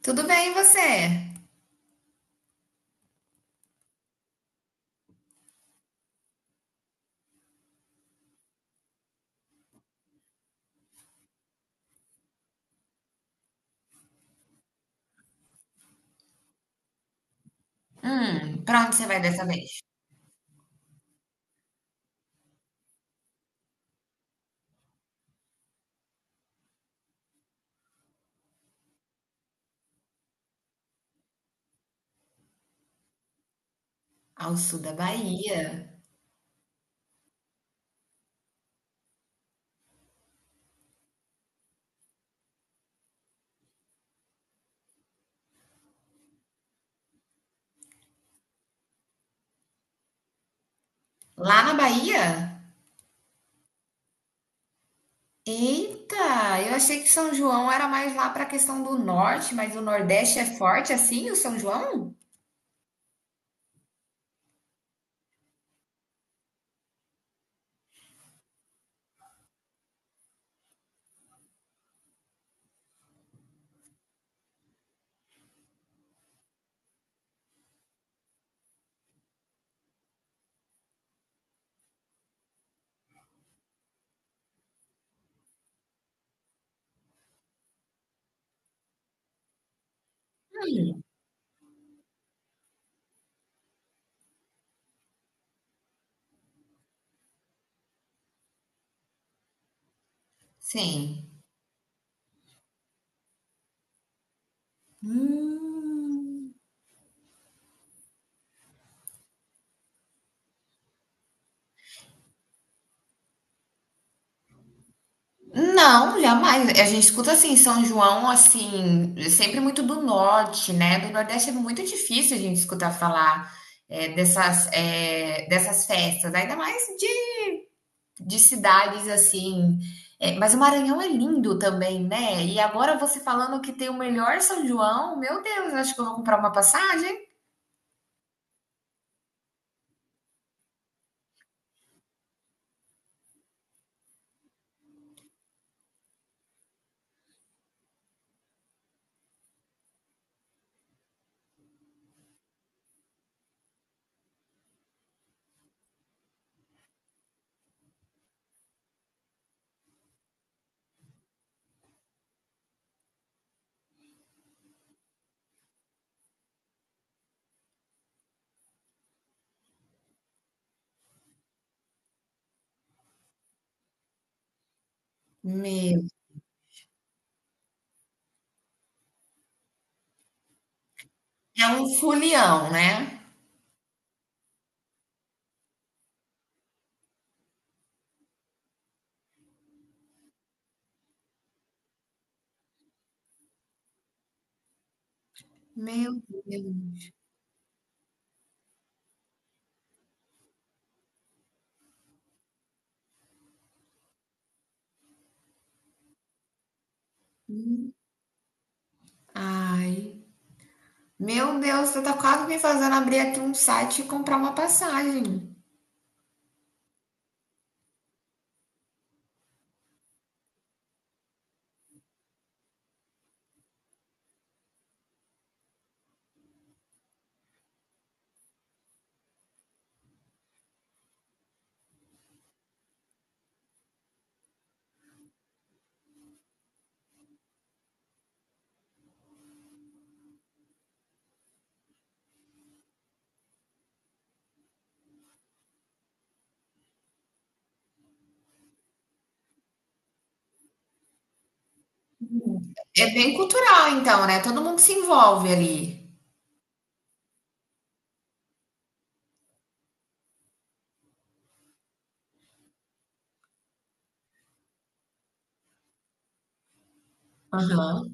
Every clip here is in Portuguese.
Tudo bem, e você? Pra onde você vai dessa vez? Ao sul da Bahia. Lá na Bahia? Eita, eu achei que São João era mais lá pra questão do norte, mas o Nordeste é forte assim, o São João? Sim. Hum, não, jamais. A gente escuta assim, São João, assim, sempre muito do norte, né? Do Nordeste é muito difícil a gente escutar falar dessas festas, ainda mais de cidades assim. É, mas o Maranhão é lindo também, né? E agora você falando que tem o melhor São João, meu Deus, eu acho que eu vou comprar uma passagem. Meu, é um folião, né? Meu Deus. Ai. Meu Deus, você tá quase me fazendo abrir aqui um site e comprar uma passagem. É bem cultural, então, né? Todo mundo se envolve ali. Aham.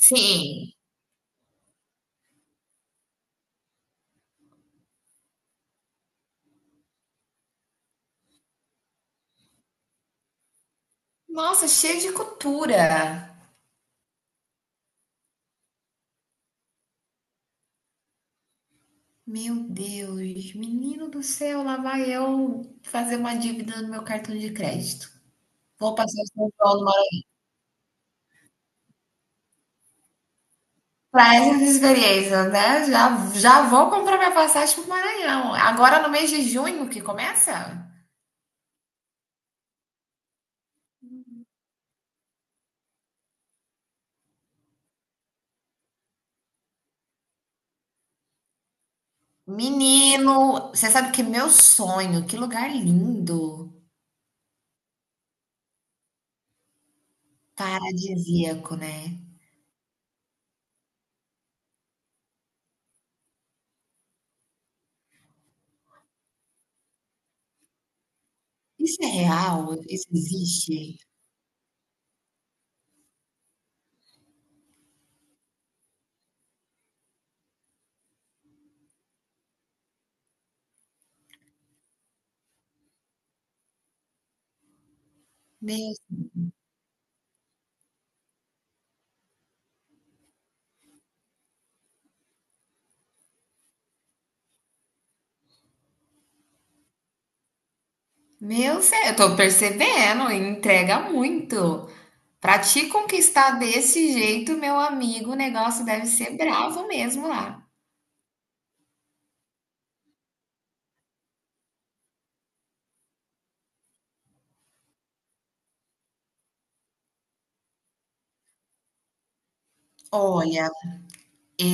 Sim. Nossa, cheio de cultura. Meu Deus, menino do céu, lá vai eu fazer uma dívida no meu cartão de crédito. Vou passar o São João no Maranhão. Para essas experiências, né? Já vou comprar minha passagem para o Maranhão. Agora no mês de junho que começa? Menino, você sabe que meu sonho, que lugar lindo, paradisíaco, né? Isso é real? Isso existe? Meu, meu céu, eu tô percebendo, entrega muito. Pra te conquistar desse jeito, meu amigo, o negócio deve ser bravo mesmo lá. Olha,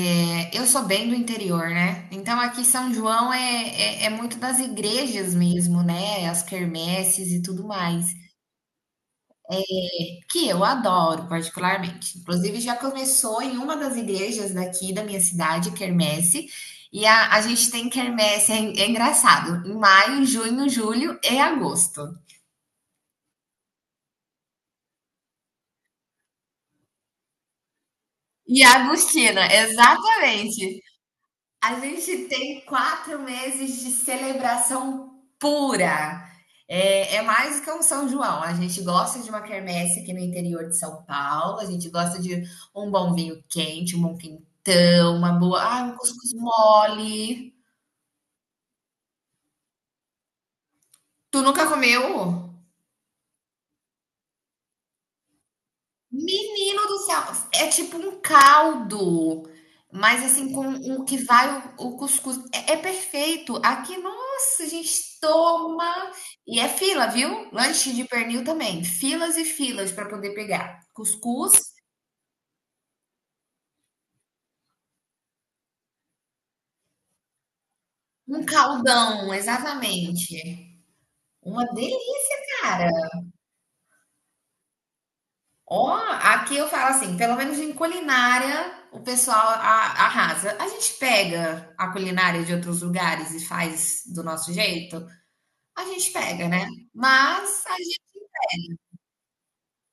é, eu sou bem do interior, né? Então aqui São João é muito das igrejas mesmo, né? As quermesses e tudo mais, que eu adoro particularmente. Inclusive já começou em uma das igrejas daqui da minha cidade, quermesse, e a gente tem quermesse, é engraçado, em maio, junho, julho e agosto. E a Agostina, exatamente. A gente tem quatro meses de celebração pura. É, é mais que um São João. A gente gosta de uma quermesse aqui no interior de São Paulo. A gente gosta de um bom vinho quente, um bom quentão, uma boa. Ah, um cuscuz mole. Tu nunca comeu? Menino do céu, é tipo um caldo, mas assim, com o que vai o cuscuz. É, é perfeito. Aqui, nossa, a gente toma. E é fila, viu? Lanche de pernil também. Filas e filas para poder pegar. Cuscuz, um caldão, exatamente. Uma delícia, cara. Ó, aqui eu falo assim, pelo menos em culinária, arrasa. A gente pega a culinária de outros lugares e faz do nosso jeito? A gente pega, né. Mas a gen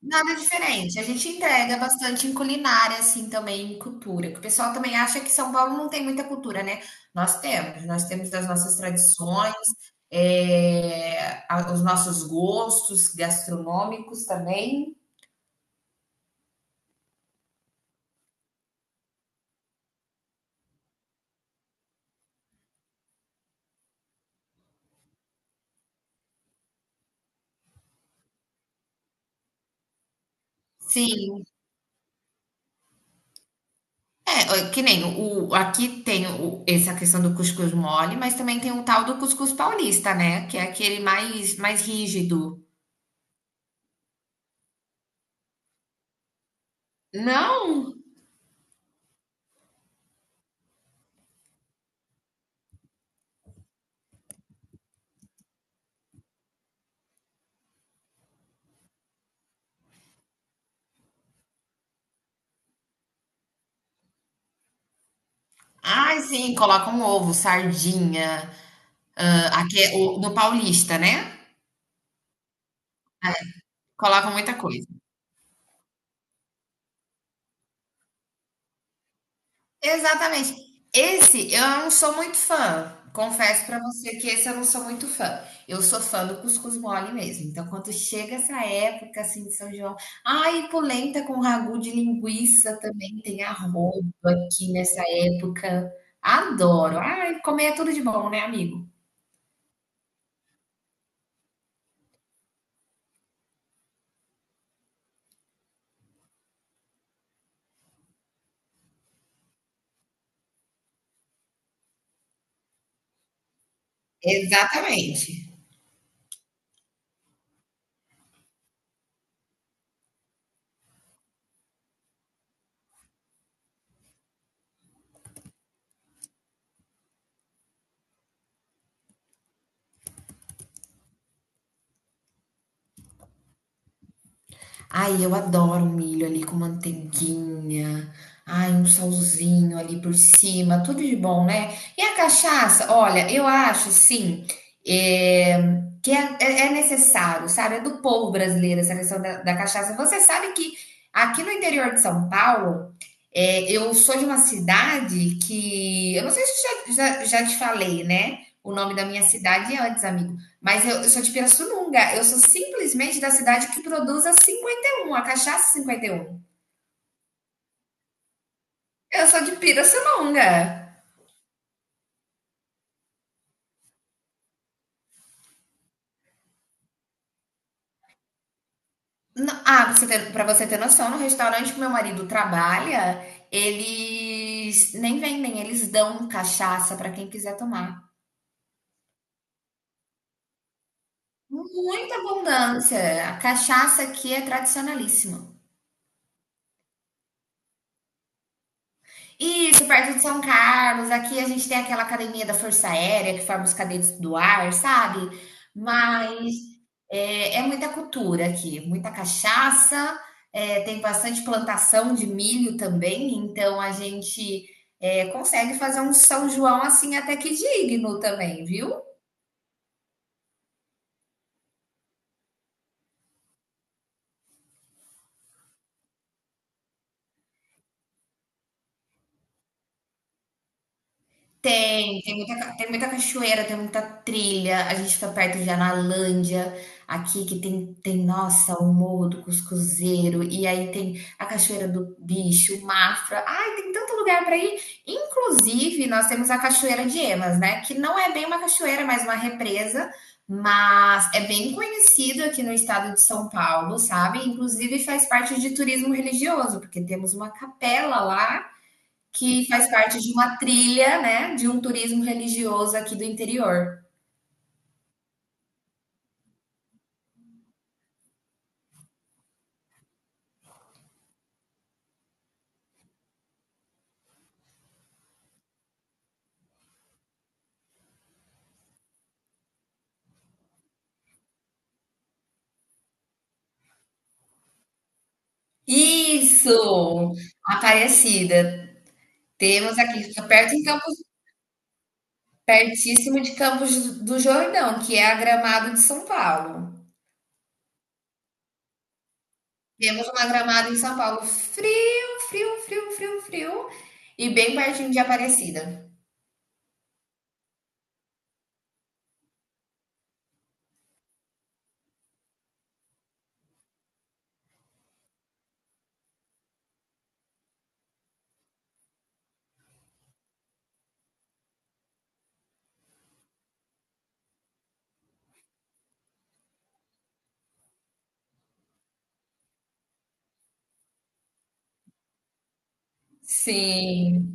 Nada diferente, a gente entrega bastante em culinária, assim, também em cultura, que o pessoal também acha que São Paulo não tem muita cultura, né. Nós temos as nossas tradições, a os nossos gostos gastronômicos também. Sim. É, que nem o aqui tem o essa questão do cuscuz mole, mas também tem o tal do cuscuz paulista, né, que é aquele mais rígido. Não? Ai, sim, colocam um ovo, sardinha, hã, aqui é o no paulista, né, colocam muita coisa. Exatamente. Esse eu não sou muito fã, confesso pra você que esse eu não sou muito fã. Eu sou fã do cuscuz mole mesmo, então quando chega essa época, assim, de São João ai, polenta com ragu de linguiça também, tem arroz aqui nessa época. Adoro. Ai, comer é tudo de bom, né, amigo? Exatamente. Ai, eu adoro milho ali com manteiguinha. Ai, um salzinho ali por cima, tudo de bom, né? E a cachaça? Olha, eu acho, sim, é necessário, sabe? É do povo brasileiro essa questão da cachaça. Você sabe que aqui no interior de São Paulo, é, eu sou de uma cidade que. Eu não sei se eu já te falei, né? O nome da minha cidade antes, amigo. Mas eu sou de Pirassununga. Eu sou simplesmente da cidade que produz a 51, a cachaça 51. Eu sou de Pirassununga. Ah, pra você ter noção, no restaurante que meu marido trabalha, eles nem vendem, eles dão cachaça pra quem quiser tomar. Muita abundância. A cachaça aqui é tradicionalíssima. Isso, perto de São Carlos, aqui a gente tem aquela academia da Força Aérea que forma os cadetes do ar, sabe? Mas é, é muita cultura aqui, muita cachaça, é, tem bastante plantação de milho também, então a gente é, consegue fazer um São João assim até que digno também, viu? Tem, tem muita cachoeira, tem muita trilha. A gente fica perto de Analândia, aqui que tem, nossa, o Morro do Cuscuzeiro, e aí tem a Cachoeira do Bicho, o Mafra. Ai, tem tanto lugar para ir. Inclusive, nós temos a Cachoeira de Emas, né? Que não é bem uma cachoeira, mas uma represa, mas é bem conhecido aqui no estado de São Paulo, sabe? Inclusive faz parte de turismo religioso, porque temos uma capela lá que faz parte de uma trilha, né, de um turismo religioso aqui do interior. Isso! Aparecida. Temos aqui, fica perto em Campos, pertíssimo de Campos do Jordão, que é a Gramado de São Paulo. Temos uma Gramado em São Paulo frio, frio e bem pertinho de Aparecida. Sim.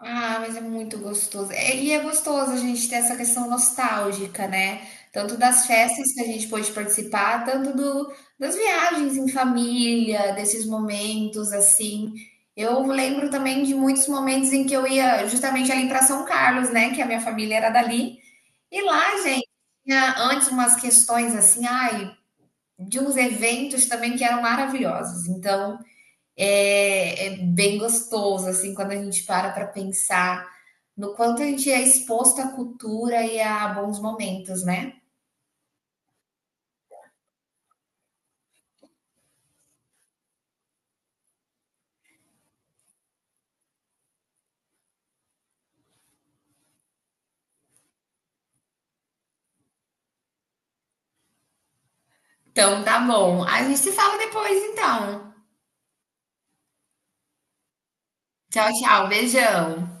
Ah, mas é muito gostoso. É, e é gostoso a gente ter essa questão nostálgica, né? Tanto das festas que a gente pôde participar, tanto do, das viagens em família, desses momentos assim. Eu lembro também de muitos momentos em que eu ia justamente ali para São Carlos, né? Que a minha família era dali. E lá, gente, tinha antes umas questões assim, ai, de uns eventos também que eram maravilhosos. Então, é, é bem gostoso, assim, quando a gente para pensar no quanto a gente é exposto à cultura e a bons momentos, né? Então tá bom. A gente se fala depois, então. Tchau, tchau. Beijão.